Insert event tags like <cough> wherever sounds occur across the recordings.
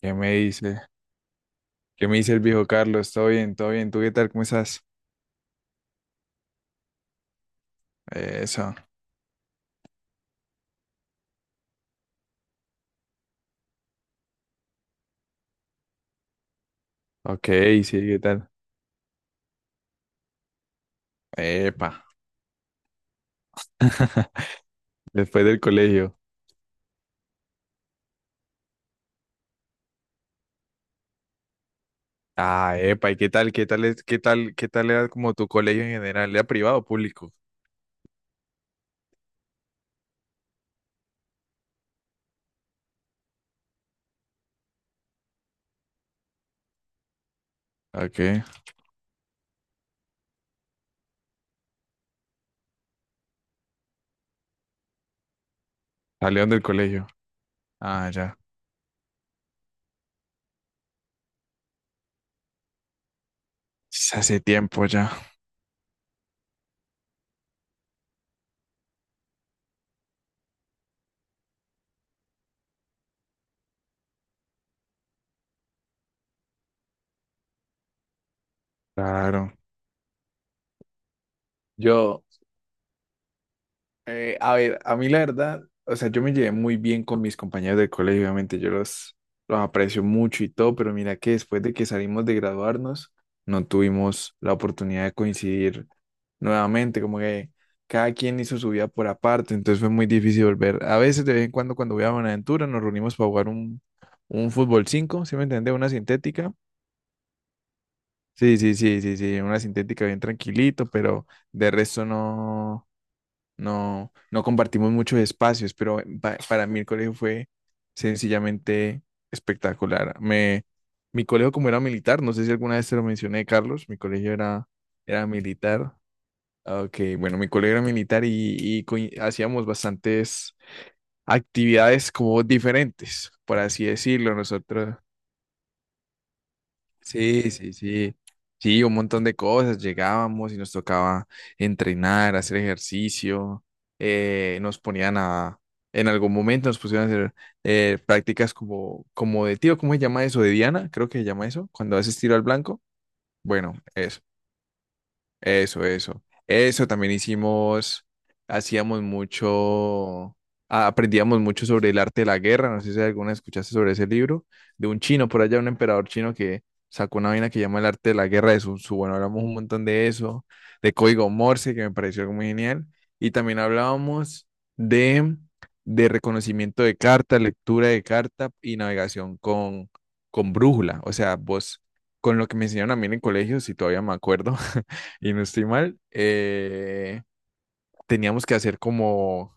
¿Qué me dice? ¿Qué me dice el viejo Carlos? ¿Todo bien? ¿Todo bien? ¿Tú qué tal? ¿Cómo estás? Eso. Ok, sí, ¿qué tal? Epa. <laughs> Después del colegio. Ah, epa, ¿y qué tal? ¿Qué tal es? ¿Qué tal? ¿Qué tal era como tu colegio en general? ¿Era privado o público? Ok. Salieron del colegio. Ah, ya. Sí, hace tiempo ya. Claro. Yo. A ver, a mí la verdad, o sea, yo me llevé muy bien con mis compañeros del colegio, obviamente los aprecio mucho y todo, pero mira que después de que salimos de graduarnos, no tuvimos la oportunidad de coincidir nuevamente, como que cada quien hizo su vida por aparte, entonces fue muy difícil volver. A veces de vez en cuando cuando voy a Buenaventura nos reunimos para jugar un fútbol cinco, ¿sí me entiendes? Una sintética. Sí, sí, sí, sí, sí, una sintética bien tranquilito, pero de resto no. No, no compartimos muchos espacios, pero para mí el colegio fue sencillamente espectacular. Mi colegio como era militar, no sé si alguna vez te lo mencioné, Carlos, era militar. Ok, bueno, mi colegio era militar y, hacíamos bastantes actividades como diferentes, por así decirlo. Nosotros, sí, sí, sí. Sí, un montón de cosas. Llegábamos y nos tocaba entrenar, hacer ejercicio. eh, nos ponían a, en algún momento nos pusieron a hacer prácticas como, como de tiro, ¿cómo se llama eso? De Diana, creo que se llama eso, cuando haces tiro al blanco. Bueno, eso. Eso, eso. Eso también hicimos, hacíamos mucho, aprendíamos mucho sobre el arte de la guerra. No sé si alguna escuchaste sobre ese libro, de un chino por allá, un emperador chino que sacó una vaina que llama el arte de la guerra de Sun Tzu. Bueno, hablamos un montón de eso, de código Morse, que me pareció algo muy genial. Y también hablábamos de, de reconocimiento de carta, lectura de carta y navegación con brújula. O sea, vos, con lo que me enseñaron a mí en el colegio, si todavía me acuerdo y no estoy mal, teníamos que hacer como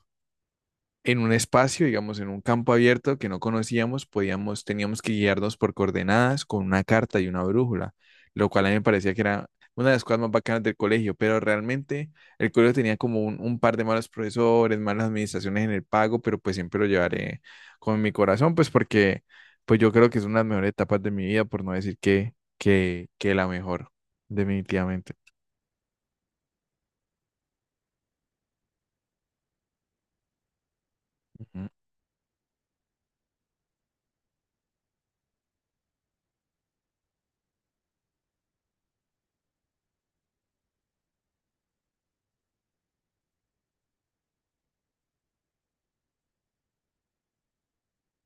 en un espacio, digamos, en un campo abierto que no conocíamos, podíamos, teníamos que guiarnos por coordenadas con una carta y una brújula, lo cual a mí me parecía que era una de las cosas más bacanas del colegio, pero realmente el colegio tenía como un par de malos profesores, malas administraciones en el pago, pero pues siempre lo llevaré con mi corazón, pues porque pues yo creo que es una de las mejores etapas de mi vida, por no decir que la mejor, definitivamente. Ujú.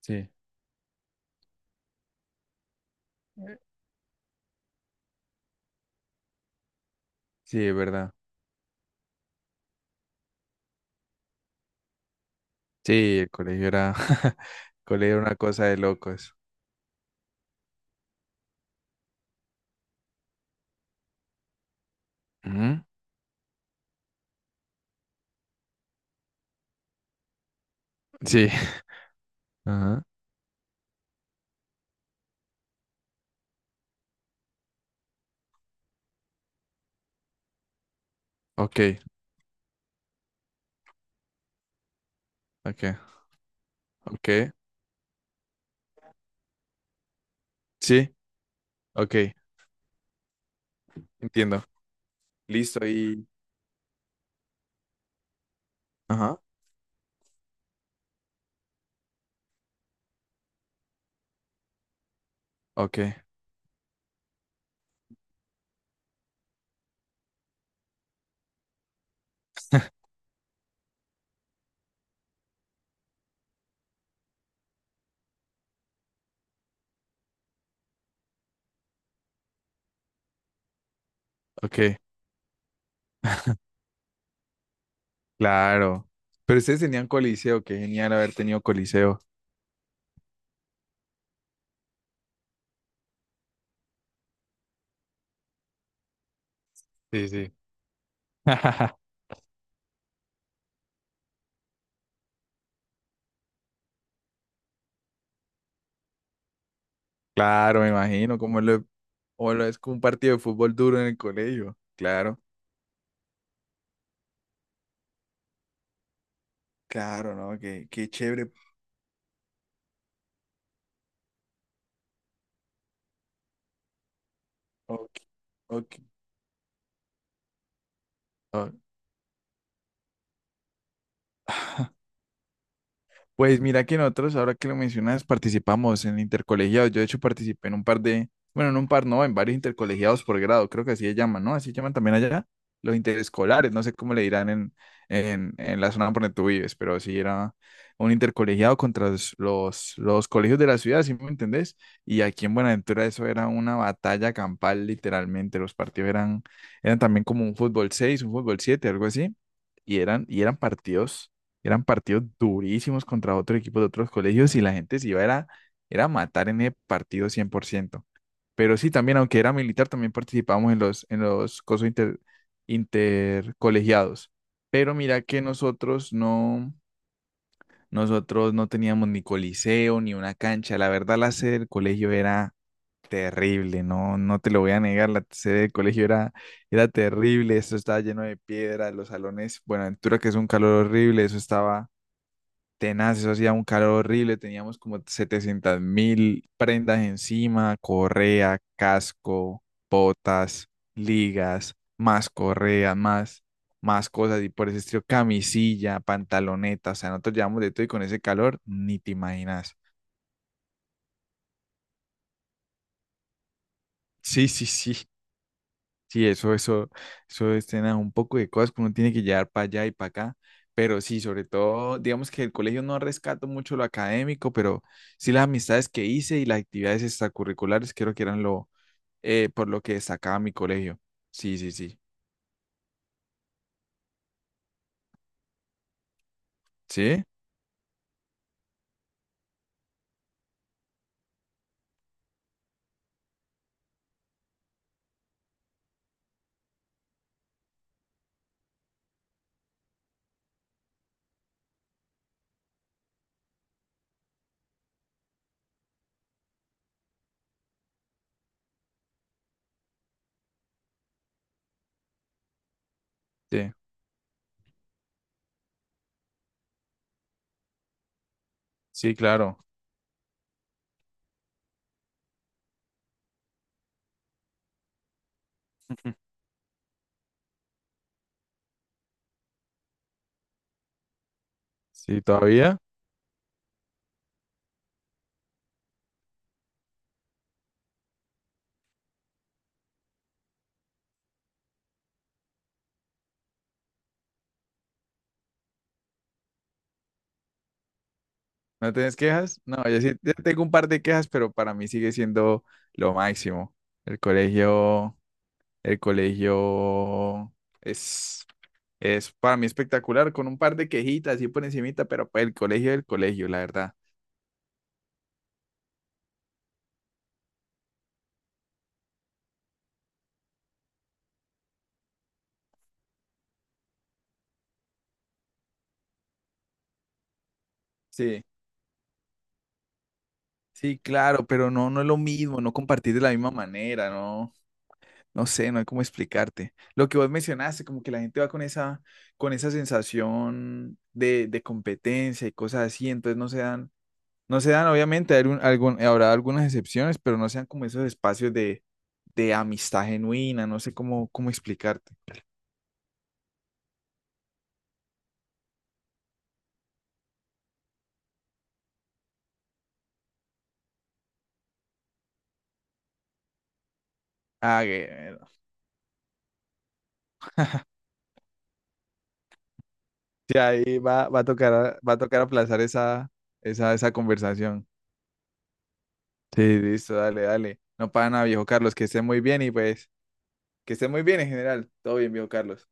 Sí. Sí, es verdad. Sí, el colegio era, <laughs> el colegio era una cosa de locos. Ujú. Sí. Ajá. Ok, ok, ok. Sí, ok, entiendo. Listo y... Ajá. Ok, ok. Claro. Pero ustedes tenían coliseo, qué genial haber tenido coliseo. Sí, sí. <laughs> Claro, me imagino, como lo es como un partido de fútbol duro en el colegio. Claro. Claro, ¿no? Qué, qué chévere. Ok, ok. Ok. <laughs> Pues mira que nosotros, ahora que lo mencionas, participamos en intercolegiados. Yo de hecho participé en un par de, bueno, en un par no, en varios intercolegiados por grado, creo que así se llaman, ¿no? Así llaman también allá los interescolares, no sé cómo le dirán en la zona por donde tú vives, pero sí era un intercolegiado contra los colegios de la ciudad, ¿sí me entendés? Y aquí en Buenaventura eso era una batalla campal, literalmente. Los partidos eran, eran también como un fútbol seis, un fútbol siete, algo así y eran partidos, eran partidos durísimos contra otros equipos de otros colegios y la gente se iba era, era a matar en el partido cien por ciento. Pero sí, también, aunque era militar, también participábamos en los cosos intercolegiados. Pero mira que nosotros no teníamos ni coliseo ni una cancha. La verdad, la sede del colegio era terrible, no, no te lo voy a negar, la sede del colegio era, era terrible, eso estaba lleno de piedra, los salones, bueno, Ventura que es un calor horrible, eso estaba tenaz, eso hacía un calor horrible, teníamos como 700 mil prendas encima, correa, casco, botas, ligas, más correa, más cosas y por ese estilo, camisilla, pantaloneta, o sea, nosotros llevamos de todo y con ese calor, ni te imaginas. Sí, sí, sí. Sí, eso es tener un poco de cosas que uno tiene que llevar para allá y para acá. Pero sí, sobre todo, digamos que el colegio no rescato mucho lo académico, pero sí las amistades que hice y las actividades extracurriculares creo que eran lo, por lo que destacaba mi colegio. Sí, sí, sí. ¿Sí? Sí, sí, claro. Sí, todavía. ¿No tienes quejas? No, yo sí, yo tengo un par de quejas, pero para mí sigue siendo lo máximo. El colegio. El colegio es, es para mí espectacular, con un par de quejitas y por encimita, pero pues el colegio es el colegio, la verdad. Sí, sí, claro, pero no, no es lo mismo, no compartir de la misma manera, no, no sé, no hay cómo explicarte. Lo que vos mencionaste, como que la gente va con esa sensación de competencia y cosas así, entonces no se dan, obviamente, hay un- algún, habrá algunas excepciones, pero no sean como esos espacios de amistad genuina, no sé cómo, cómo explicarte. Ah, que- sí, ahí va, va a tocar aplazar esa conversación. Sí, listo, dale, dale. No, para nada, viejo Carlos, que esté muy bien y pues, que esté muy bien en general. Todo bien, viejo Carlos.